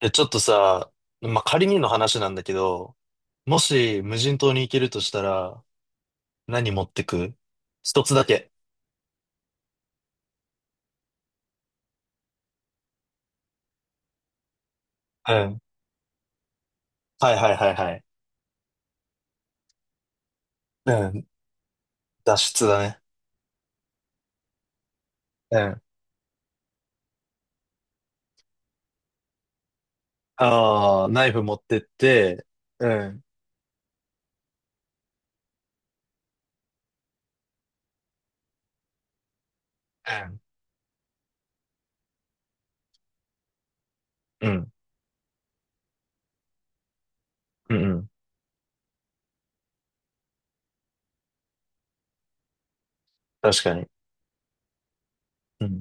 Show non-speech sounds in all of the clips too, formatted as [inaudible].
で、ちょっとさ、仮にの話なんだけど、もし無人島に行けるとしたら、何持ってく？一つだけ。うん。はいはいはいはい。うん。脱出だね。うん。ああ、ナイフ持ってって、うん。うん。うん。うんうんうんうん、確かに。うん。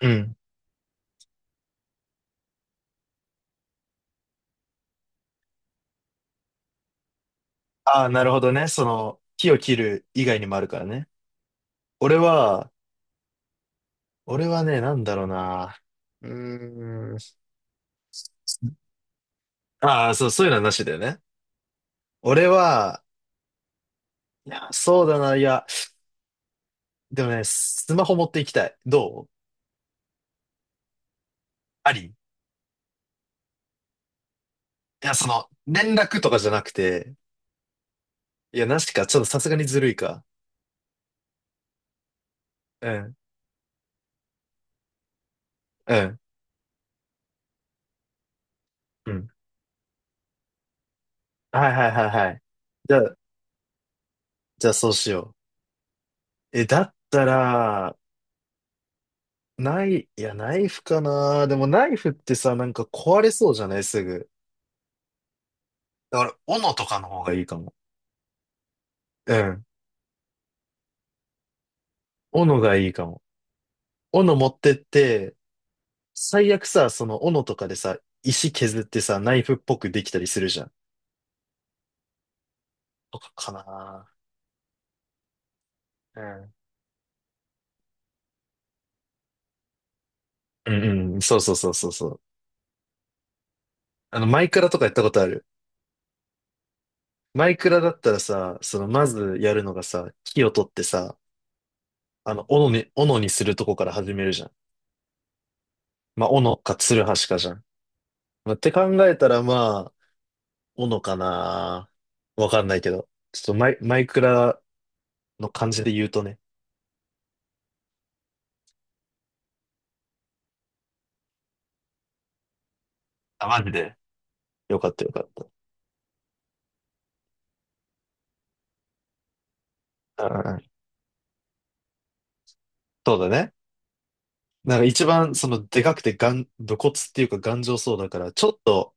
うん。ああ、なるほどね。その、木を切る以外にもあるからね。俺は、俺はね、なんだろうな。うーん。ああ、そう、そういうのはなしだよね。俺は、いや、そうだな。いや、でもね、スマホ持っていきたい。どう？ありいその、連絡とかじゃなくて、いや、なしか、ちょっとさすがにずるいか。うん、うん、うん。はいはいはいはい。じゃあ、じゃあそうしよう。え、だったら、ない、いや、ナイフかな。でもナイフってさ、なんか壊れそうじゃない？すぐ。だから、斧とかの方がいいかも。うん。斧がいいかも。斧持ってって、最悪さ、その斧とかでさ、石削ってさ、ナイフっぽくできたりするじゃん。とかかな。うん。うんうん、そうそうそうそうそう。あの、マイクラとかやったことある？マイクラだったらさ、その、まずやるのがさ、木を取ってさ、あの、斧に、斧にするとこから始めるじゃん。斧か、ツルハシかじゃん。まあ、って考えたら、まあ、斧かな。わかんないけど。ちょっとマイ、マイクラの感じで言うとね。あ、マジで？よかったよかった。うんうんうん。そうだね。なんか一番、その、でかくてがん、武骨っていうか頑丈そうだから、ちょっと、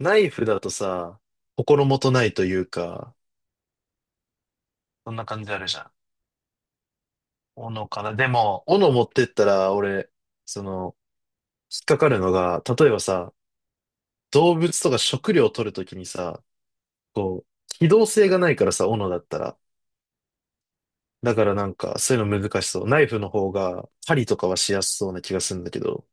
ナイフだとさ、心もとないというか、そんな感じあるじゃん。斧かな。でも、斧持ってったら、俺、その、引っかかるのが、例えばさ、動物とか食料を取るときにさ、こう、機動性がないからさ、斧だったら。だからなんか、そういうの難しそう。ナイフの方が、針とかはしやすそうな気がするんだけど。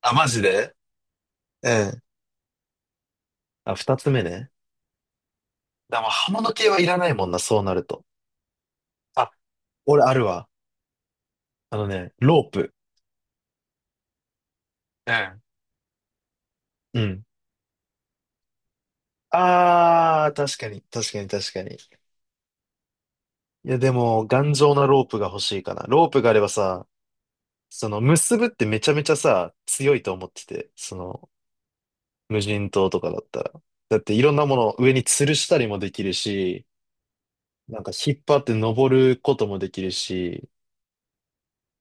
あ、マジで？うん。あ、二つ目ね。でも刃物系はいらないもんな、そうなると。あ、俺あるわ。あのね、ロープ。うん。うん。ああ、確かに、確かに、確かに。いや、でも、頑丈なロープが欲しいかな。ロープがあればさ、その、結ぶってめちゃめちゃさ、強いと思ってて、その、無人島とかだったら。だって、いろんなものを上に吊るしたりもできるし、なんか引っ張って登ることもできるし、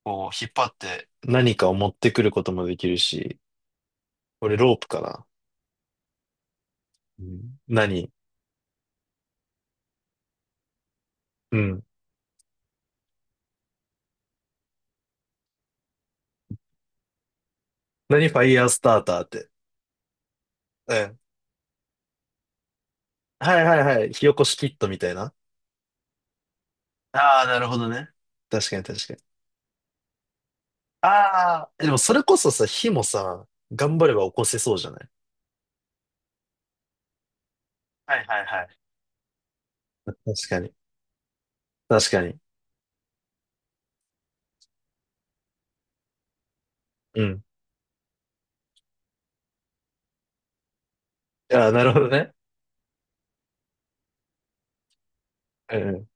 こう、引っ張って何かを持ってくることもできるし、これロープかな。うん何？うん。何？ファイヤースターターって。うん。はいはいはい。火起こしキットみたいな。ああ、なるほどね。確かに確かに。ああ、でもそれこそさ、火もさ、頑張れば起こせそうじゃない？はいはいはい。確かに。確かに。うん。ああ、なるほどね。うんうん。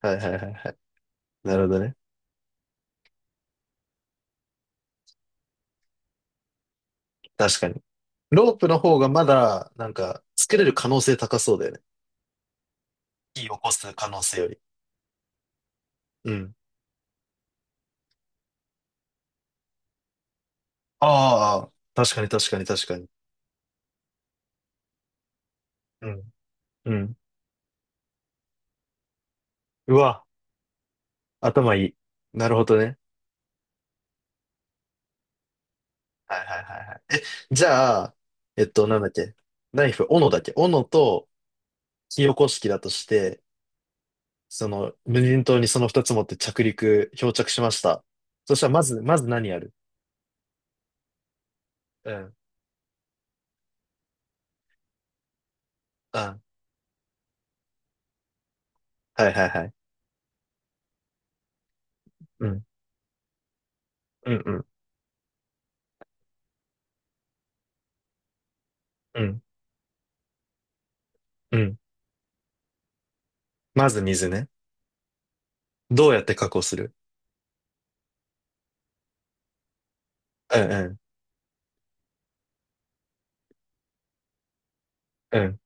はいはいはいはい。なるほどね。確かに。ロープの方がまだ、なんか、作れる可能性高そうだよね。火起こす可能性より。うん。ああ、確かに確かに確かに。うん。うん。うわ、頭いい。なるほどね。はいはいはいはい。え、じゃあ、なんだっけ。ナイフ、斧だっけ。斧と火起こし器だとして、その、無人島にその二つ持って着陸、漂着しました。そしたら、まず、まず何やる？うん。うん。はいはいはい。うん。うんうん。うん。うん。まず水ね。どうやって確保する？うんうん。うん。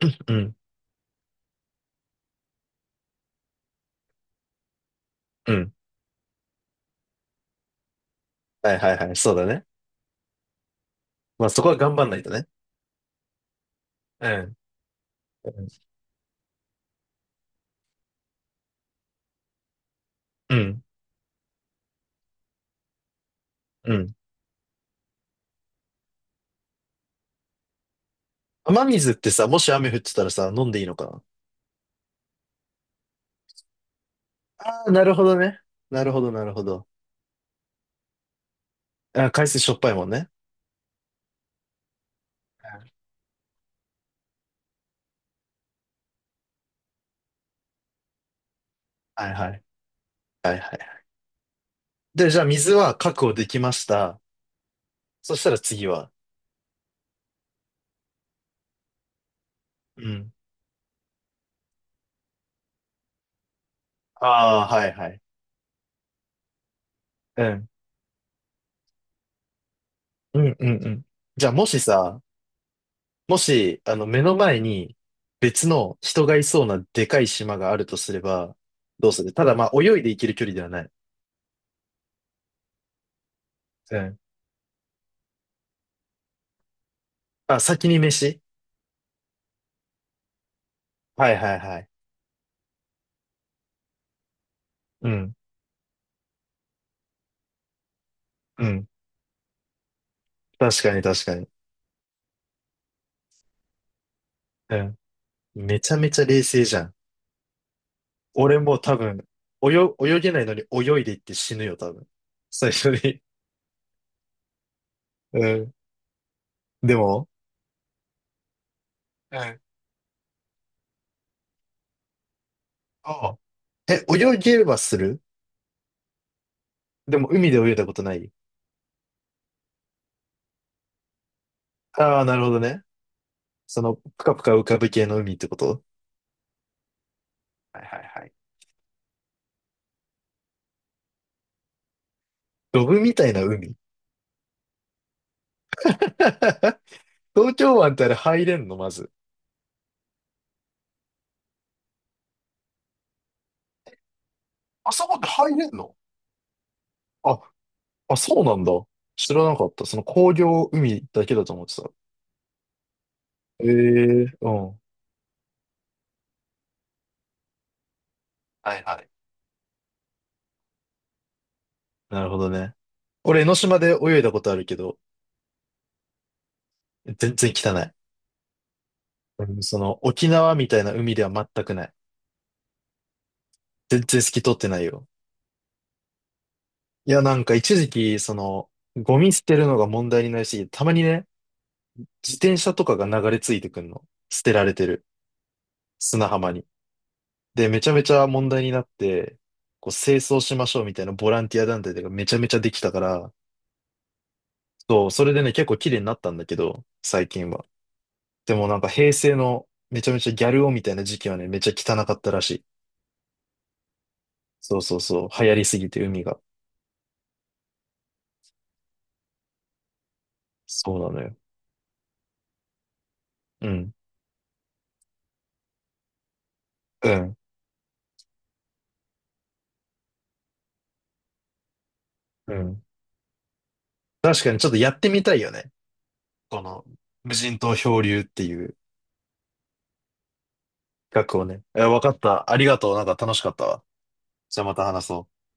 うん。うん。はいはいはい。そうだね。まあそこは頑張んないとね。うん。うん。うん。うん。雨水ってさ、もし雨降ってたらさ、飲んでいいのかな？あ、なるほどね。なるほど、なるほど。あ、海水しょっぱいもんね。はいはい。はいはい。で、じゃあ水は確保できました。そしたら次は。うん。ああ、はいはい。うん。うんうんうん。じゃあもしさ、もし、あの、目の前に別の人がいそうなでかい島があるとすれば、どうする？ただまあ泳いで行ける距離ではない。うん。あ、先に飯？はいはいはい。うん。うん。確かに確かに。うん。めちゃめちゃ冷静じゃん。俺も多分、泳、泳げないのに泳いでいって死ぬよ、多分。最初に。[laughs] うん。でも、うん。ああ、え、泳げればする？でも海で泳いだことない？ああー、なるほどね。その、ぷかぷか浮かぶ系の海ってこと？はいはいはい。ロブみたいな海？ [laughs] 東京湾ってあれ入れんの？まず。あそこって入れんの？あ、あ、そうなんだ。知らなかった。その工業海だけだと思ってた。ええ、うん。はいはい。なるほどね。俺、江ノ島で泳いだことあるけど、全然汚い。うん、その、沖縄みたいな海では全くない。全然透き通ってないよ。いや、なんか一時期、その、ゴミ捨てるのが問題になりすぎて、たまにね、自転車とかが流れ着いてくんの。捨てられてる。砂浜に。で、めちゃめちゃ問題になって、こう、清掃しましょうみたいなボランティア団体とかめちゃめちゃできたから、そう、それでね、結構綺麗になったんだけど、最近は。でもなんか平成のめちゃめちゃギャル男みたいな時期はね、めちゃ汚かったらしい。そうそうそう、流行りすぎて海が。そうなのよ。うん。うん。うん。確かにちょっとやってみたいよね。この、無人島漂流っていう企画をね。え、わかった。ありがとう。なんか楽しかったわ。じゃあまた話そう。